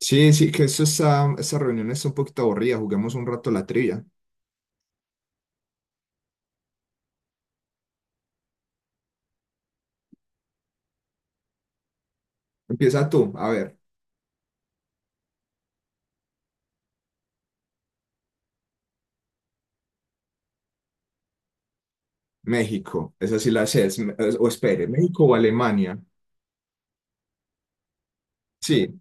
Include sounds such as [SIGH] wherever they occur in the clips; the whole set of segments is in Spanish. Esa reunión está un poquito aburrida. Juguemos un rato la trivia. Empieza tú. A ver, México. Esa sí la sé. O espere, ¿México o Alemania? Sí.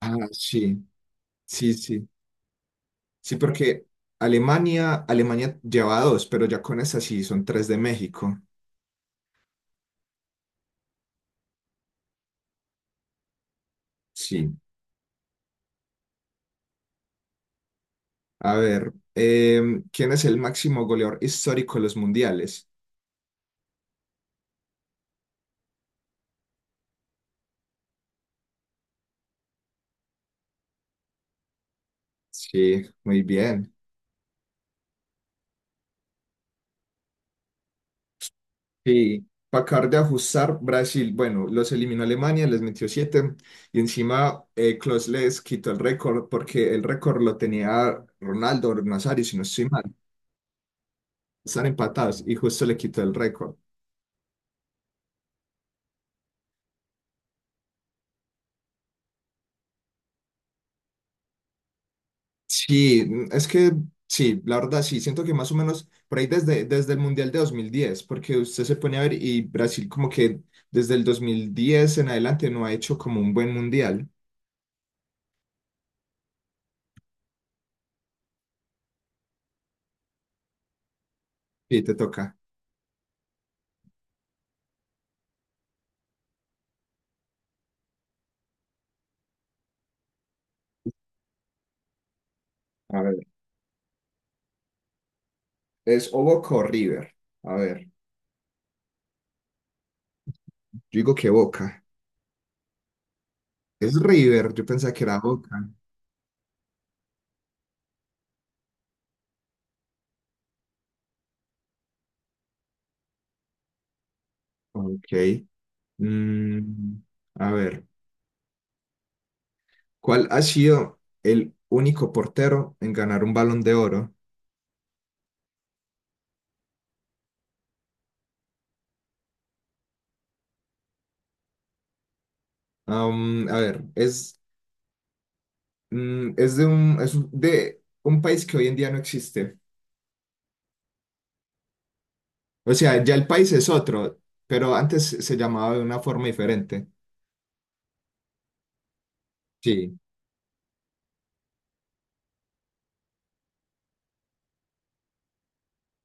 Ah, sí. Sí, sí. Sí, porque Alemania lleva dos, pero ya con esa sí son tres de México. Sí. A ver, ¿quién es el máximo goleador histórico de los mundiales? Sí, muy bien. Sí, para acabar de ajustar, Brasil, bueno, los eliminó Alemania, les metió siete y encima Klose les quitó el récord porque el récord lo tenía Ronaldo o Nazario, si no estoy mal, están empatados y justo le quitó el récord. Sí, es que sí, la verdad sí, siento que más o menos por ahí desde el Mundial de 2010, porque usted se pone a ver y Brasil como que desde el 2010 en adelante no ha hecho como un buen Mundial. Sí, te toca. A ver, es Oboco River. A ver. Yo digo que Boca. Es River, yo pensaba que era Boca. Ok. Mm, a ver, ¿cuál ha sido el único portero en ganar un Balón de Oro? A ver, es, mm, es de un, es un- de un país que hoy en día no existe. O sea, ya el país es otro, pero antes se llamaba de una forma diferente. Sí,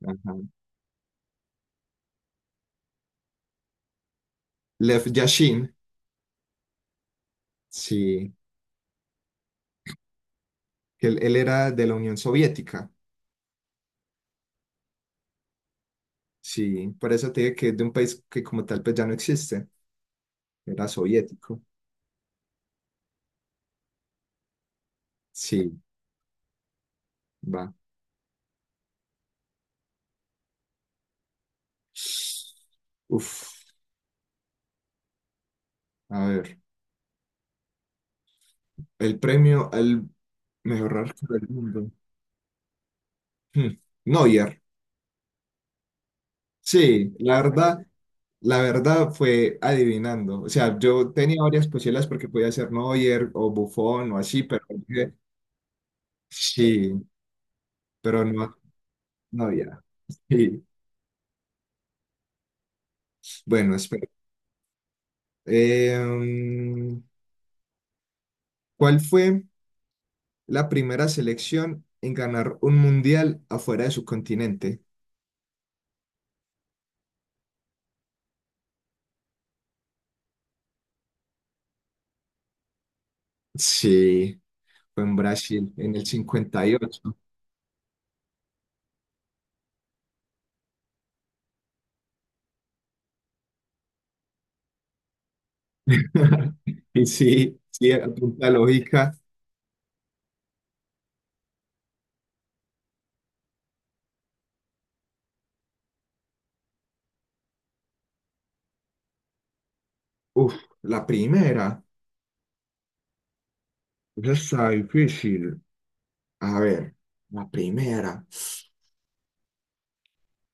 ajá. Lev Yashin, sí, que él era de la Unión Soviética. Sí, por eso te digo que es de un país que como tal pues ya no existe. Era soviético. Sí, va. Uf, a ver. El premio al mejor arco del mundo. Hmm, Neuer. Sí, la verdad fue adivinando. O sea, yo tenía varias posibilidades porque podía ser Neuer o Buffon o así, pero dije, sí, pero no, no había. Sí. Bueno, espera. Em, ¿Cuál fue la primera selección en ganar un mundial afuera de su continente? Sí, fue en Brasil, en el 58. Y ocho. [LAUGHS] Y sí, sí, a punta de lógica. Uf, la primera, esa está difícil. A ver, la primera.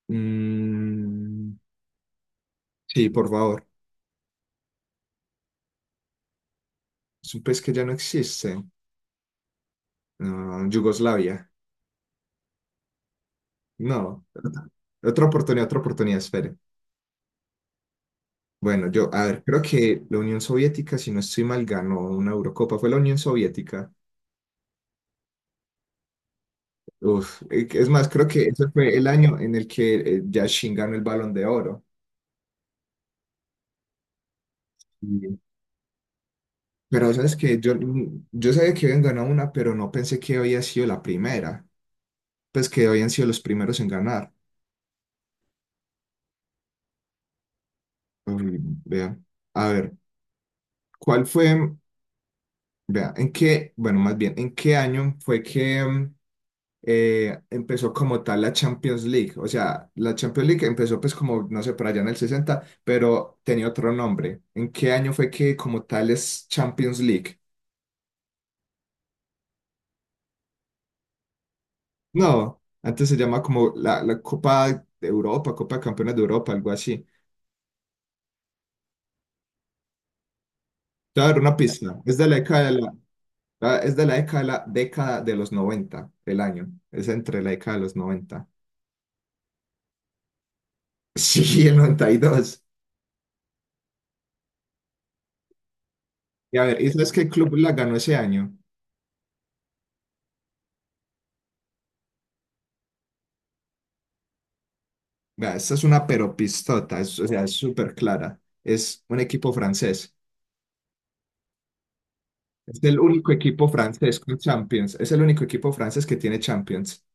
Mm, sí, por favor. Es un país que ya no existe. Ah, Yugoslavia. No. Otra oportunidad, espere. Bueno, yo, a ver, creo que la Unión Soviética, si no estoy mal, ganó una Eurocopa. Fue la Unión Soviética. Uf, es más, creo que ese fue el año en el que Yashin ganó el Balón de Oro. Y- Pero sabes que yo sabía que habían ganado una, pero no pensé que había sido la primera. Pues que habían sido los primeros en ganar. Uy, vea. A ver, ¿cuál fue? Vea, ¿en qué? Bueno, más bien, ¿en qué año fue que empezó como tal la Champions League? O sea, la Champions League empezó pues como, no sé, por allá en el 60 pero tenía otro nombre. ¿En qué año fue que como tal es Champions League? No, antes se llama como la, la Copa de Europa, Copa de Campeones de Europa, algo así. Te voy a dar una pista. Es de la década de los noventa, el año. Es entre la década de los 90. [LAUGHS] Sí, el 92. Y dos. Y a ver, ¿y sabes qué club la ganó ese año? Vea, esta es una peropistota, es- o sea, es súper clara. Es un equipo francés. Es el único equipo francés con Champions. Es el único equipo francés que tiene Champions.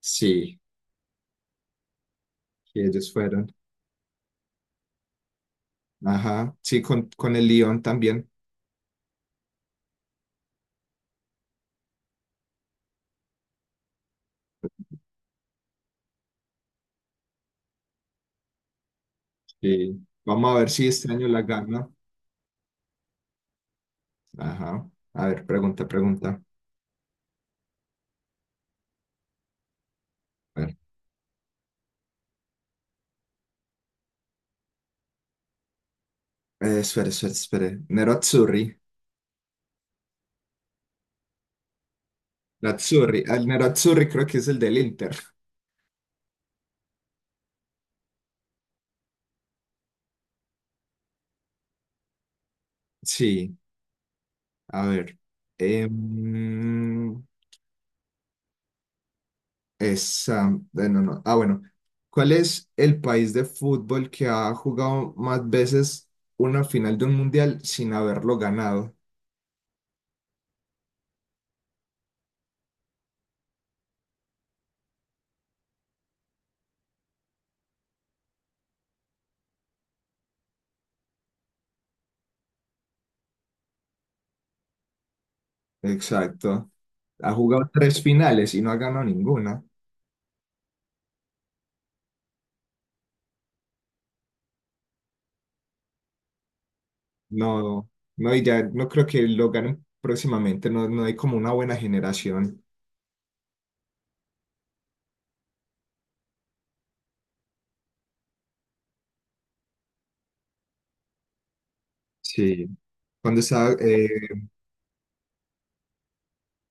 Sí, sí, ellos fueron. Ajá, sí, con el Lyon también. Sí. Vamos a ver si este año la gana. Ajá. A ver, pregunta, pregunta. A ver. Espere, espere, espere. Nerazzurri. Nerazzurri. El Nerazzurri creo que es el del Inter. Sí, a ver. Em, esa, no, no. Ah, bueno. ¿Cuál es el país de fútbol que ha jugado más veces una final de un mundial sin haberlo ganado? Exacto. Ha jugado tres finales y no ha ganado ninguna. No, no, y ya no creo que lo ganen próximamente, no, no hay como una buena generación. Sí. Cuando estaba, eh,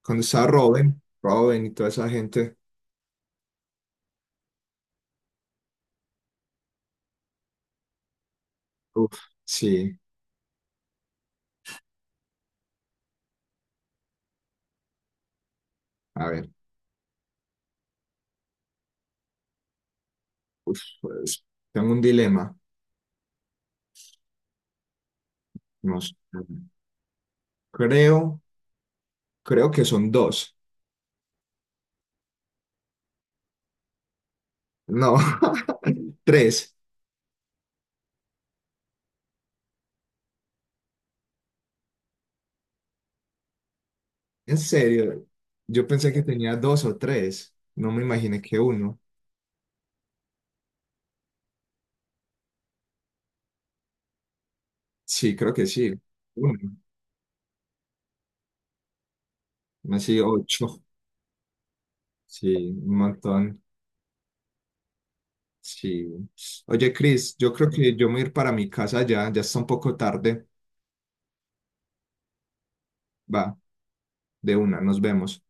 cuando estaba Robin, y toda esa gente, uf, sí, a ver, uf, pues, tengo un dilema, no sé. Creo, creo que son dos, no, [LAUGHS] tres, en serio, yo pensé que tenía dos o tres, no me imaginé que uno, sí, creo que sí, uno, así ocho, sí, un montón. Sí. Oye, Cris, yo creo que yo me voy a ir para mi casa ya, ya está un poco tarde. Va, de una, nos vemos.